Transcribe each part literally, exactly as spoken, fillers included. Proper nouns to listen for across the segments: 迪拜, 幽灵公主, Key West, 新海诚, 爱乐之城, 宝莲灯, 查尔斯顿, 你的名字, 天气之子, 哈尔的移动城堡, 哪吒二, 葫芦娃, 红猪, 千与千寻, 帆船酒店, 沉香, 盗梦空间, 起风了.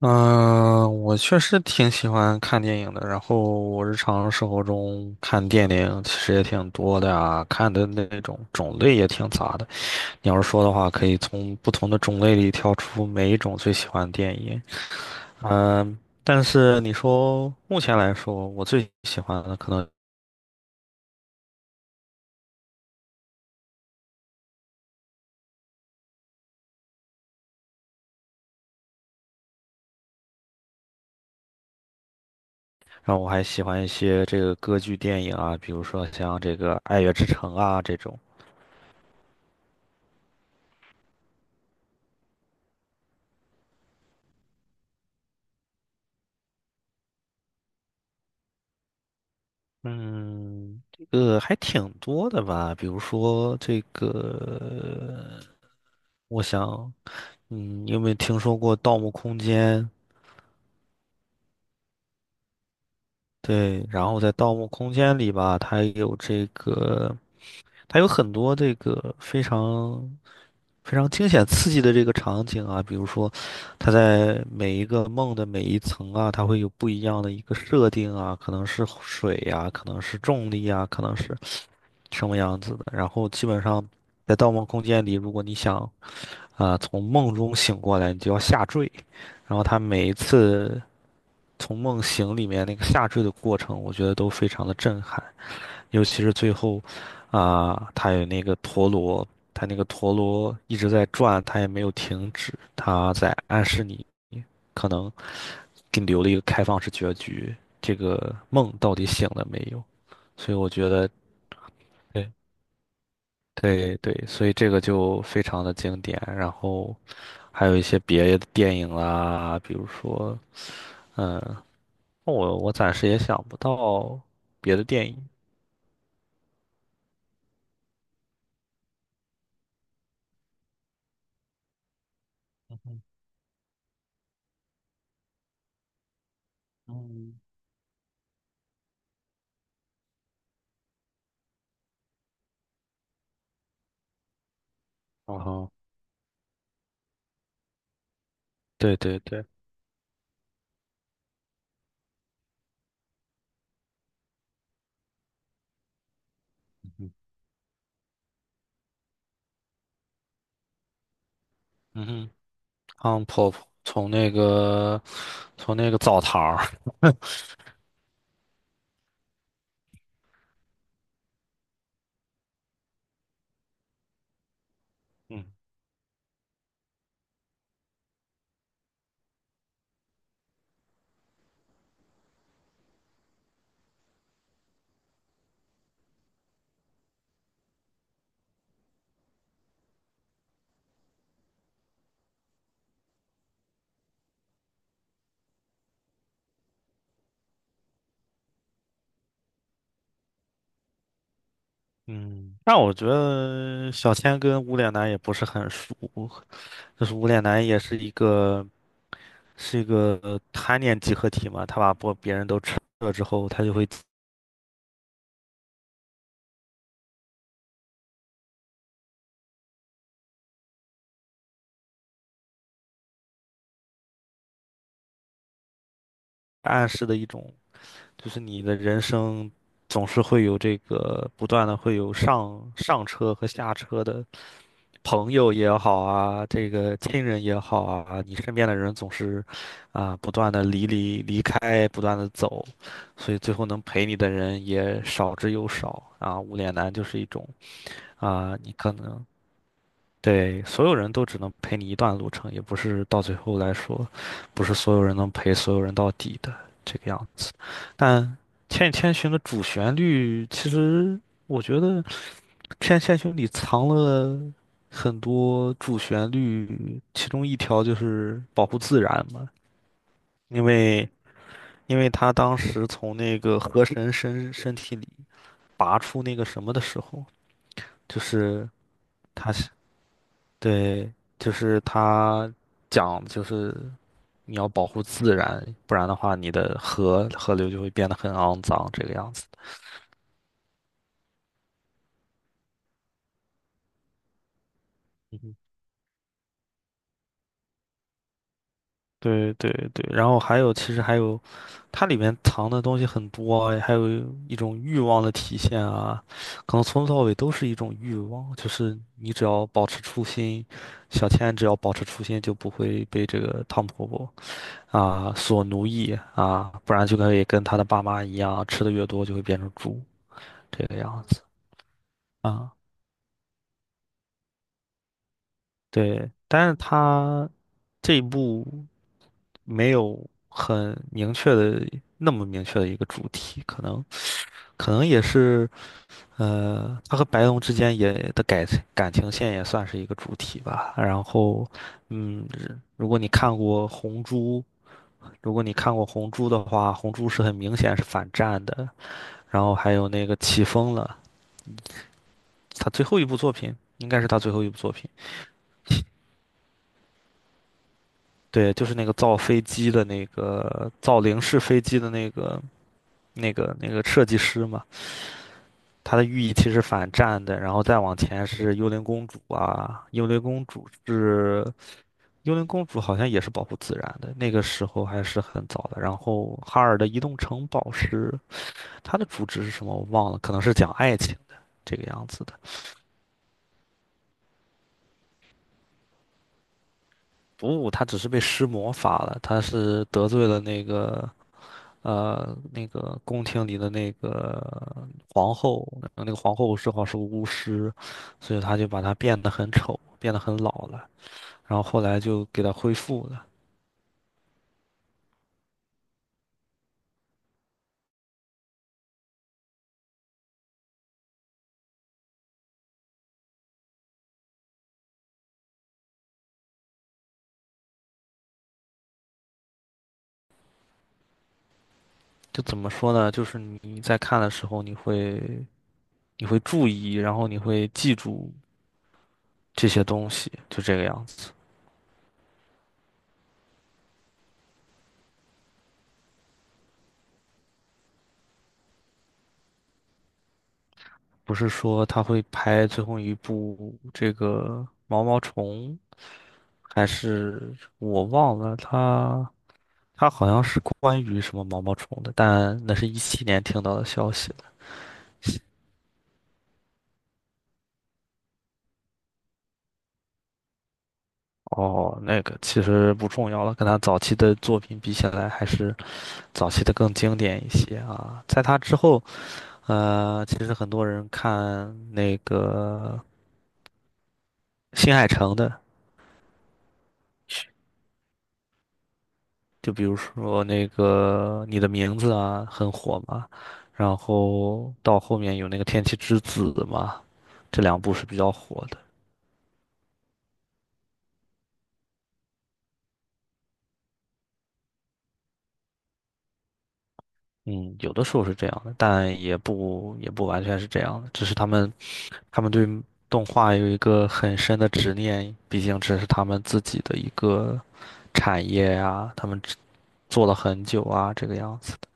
嗯，我确实挺喜欢看电影的。然后我日常生活中看电影其实也挺多的啊，看的那种种类也挺杂的。你要是说的话，可以从不同的种类里挑出每一种最喜欢的电影。嗯，但是你说目前来说，我最喜欢的可能让我还喜欢一些这个歌剧电影啊，比如说像这个《爱乐之城》啊这种。嗯，这个还挺多的吧？比如说这个，我想，嗯，你有没有听说过《盗墓空间》？对，然后在《盗墓空间》里吧，它有这个，它有很多这个非常非常惊险刺激的这个场景啊，比如说，它在每一个梦的每一层啊，它会有不一样的一个设定啊，可能是水呀、可能是重力啊，可能是。什么样子的。然后基本上在《盗梦空间》里，如果你想啊、呃从梦中醒过来，你就要下坠。然后他每一次从梦醒里面那个下坠的过程，我觉得都非常的震撼，尤其是最后啊、他有那个陀螺，他那个陀螺一直在转，他也没有停止，他在暗示你可能给你留了一个开放式结局，这个梦到底醒了没有？所以我觉得。对。对对，所以这个就非常的经典。然后还有一些别的电影啦，比如说，嗯，我我暂时也想不到别的电影。嗯哼，嗯，然后对对对，嗯哼，嗯哼，嗯，婆婆从那个从那个澡堂儿，嗯嗯，但我觉得小千跟无脸男也不是很熟，就是无脸男也是一个。是一个呃贪念集合体嘛，他把不别人都吃了之后，他就会暗示的一种，就是你的人生总是会有这个不断的会有上上车和下车的朋友也好啊，这个亲人也好啊，你身边的人总是啊不断的离离离开，不断的走，所以最后能陪你的人也少之又少啊。无脸男就是一种啊，你可能。对，所有人都只能陪你一段路程，也不是到最后来说，不是所有人能陪所有人到底的这个样子。但《千与千寻》的主旋律，其实我觉得《千与千寻》里藏了很多主旋律，其中一条就是保护自然嘛，因为因为他当时从那个河神身身体里拔出那个什么的时候，就是他是对，就是他讲就是。你要保护自然，不然的话，你的河河流就会变得很肮脏，这个样子的。嗯哼对对对，然后还有，其实还有，它里面藏的东西很多，还有一种欲望的体现啊，可能从头到尾都是一种欲望，就是你只要保持初心，小千只要保持初心，就不会被这个汤婆婆啊所奴役啊，不然就可以跟她的爸妈一样，吃的越多就会变成猪这个样子啊。对，但是她。这一部没有很明确的那么明确的一个主题，可能可能也是呃，他和白龙之间也的感感情线也算是一个主题吧。然后，嗯，如果你看过《红猪》，如果你看过《红猪》的话，《红猪》是很明显是反战的。然后还有那个起风了，他最后一部作品应该是他最后一部作品，对，就是那个造飞机的那个造零式飞机的那个。那个那个设计师嘛，他的寓意其实反战的，然后再往前是幽灵公主啊，幽灵公主是幽灵公主好像也是保护自然的，那个时候还是很早的。然后哈尔的移动城堡是它的主旨是什么我忘了，可能是讲爱情的这个样子的。不，他只是被施魔法了，他是得罪了那个呃，那个宫廷里的那个皇后，然后那个皇后正好是个巫师，所以他就把她变得很丑，变得很老了。然后后来就给她恢复了。就怎么说呢？就是你在看的时候，你会你会注意，然后你会记住这些东西，就这个样子。不是说他会拍最后一部这个毛毛虫，还是我忘了他他好像是关于什么毛毛虫的，但那是一七年听到的消息了。哦，那个其实不重要了，跟他早期的作品比起来，还是早期的更经典一些啊。在他之后，呃，其实很多人看那个新海诚的。说那个你的名字啊很火嘛，然后到后面有那个《天气之子》嘛，这两部是比较火的。嗯，有的时候是这样的，但也不也不完全是这样的，只是他们他们对动画有一个很深的执念，毕竟这是他们自己的一个产业呀，他们只做了很久啊，这个样子的。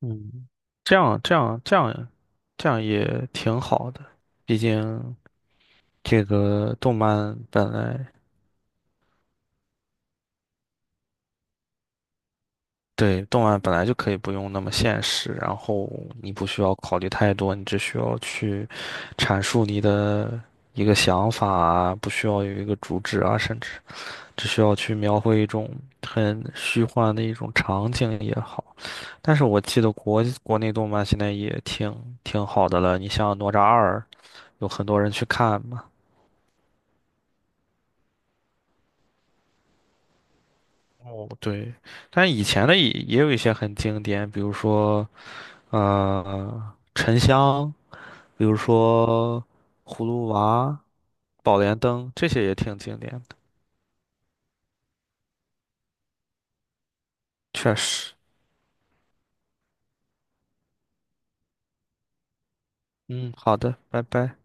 嗯，这样这样这样这样也挺好的，毕竟。这个动漫本来对动漫本来就可以不用那么现实，然后你不需要考虑太多，你只需要去阐述你的一个想法啊，不需要有一个主旨啊，甚至只需要去描绘一种很虚幻的一种场景也好。但是我记得国国内动漫现在也挺挺好的了，你像《哪吒二》，有很多人去看嘛。哦，对，但以前的也也有一些很经典，比如说。呃，沉香，比如说葫芦娃、宝莲灯，这些也挺经典的。确实，嗯，好的，拜拜。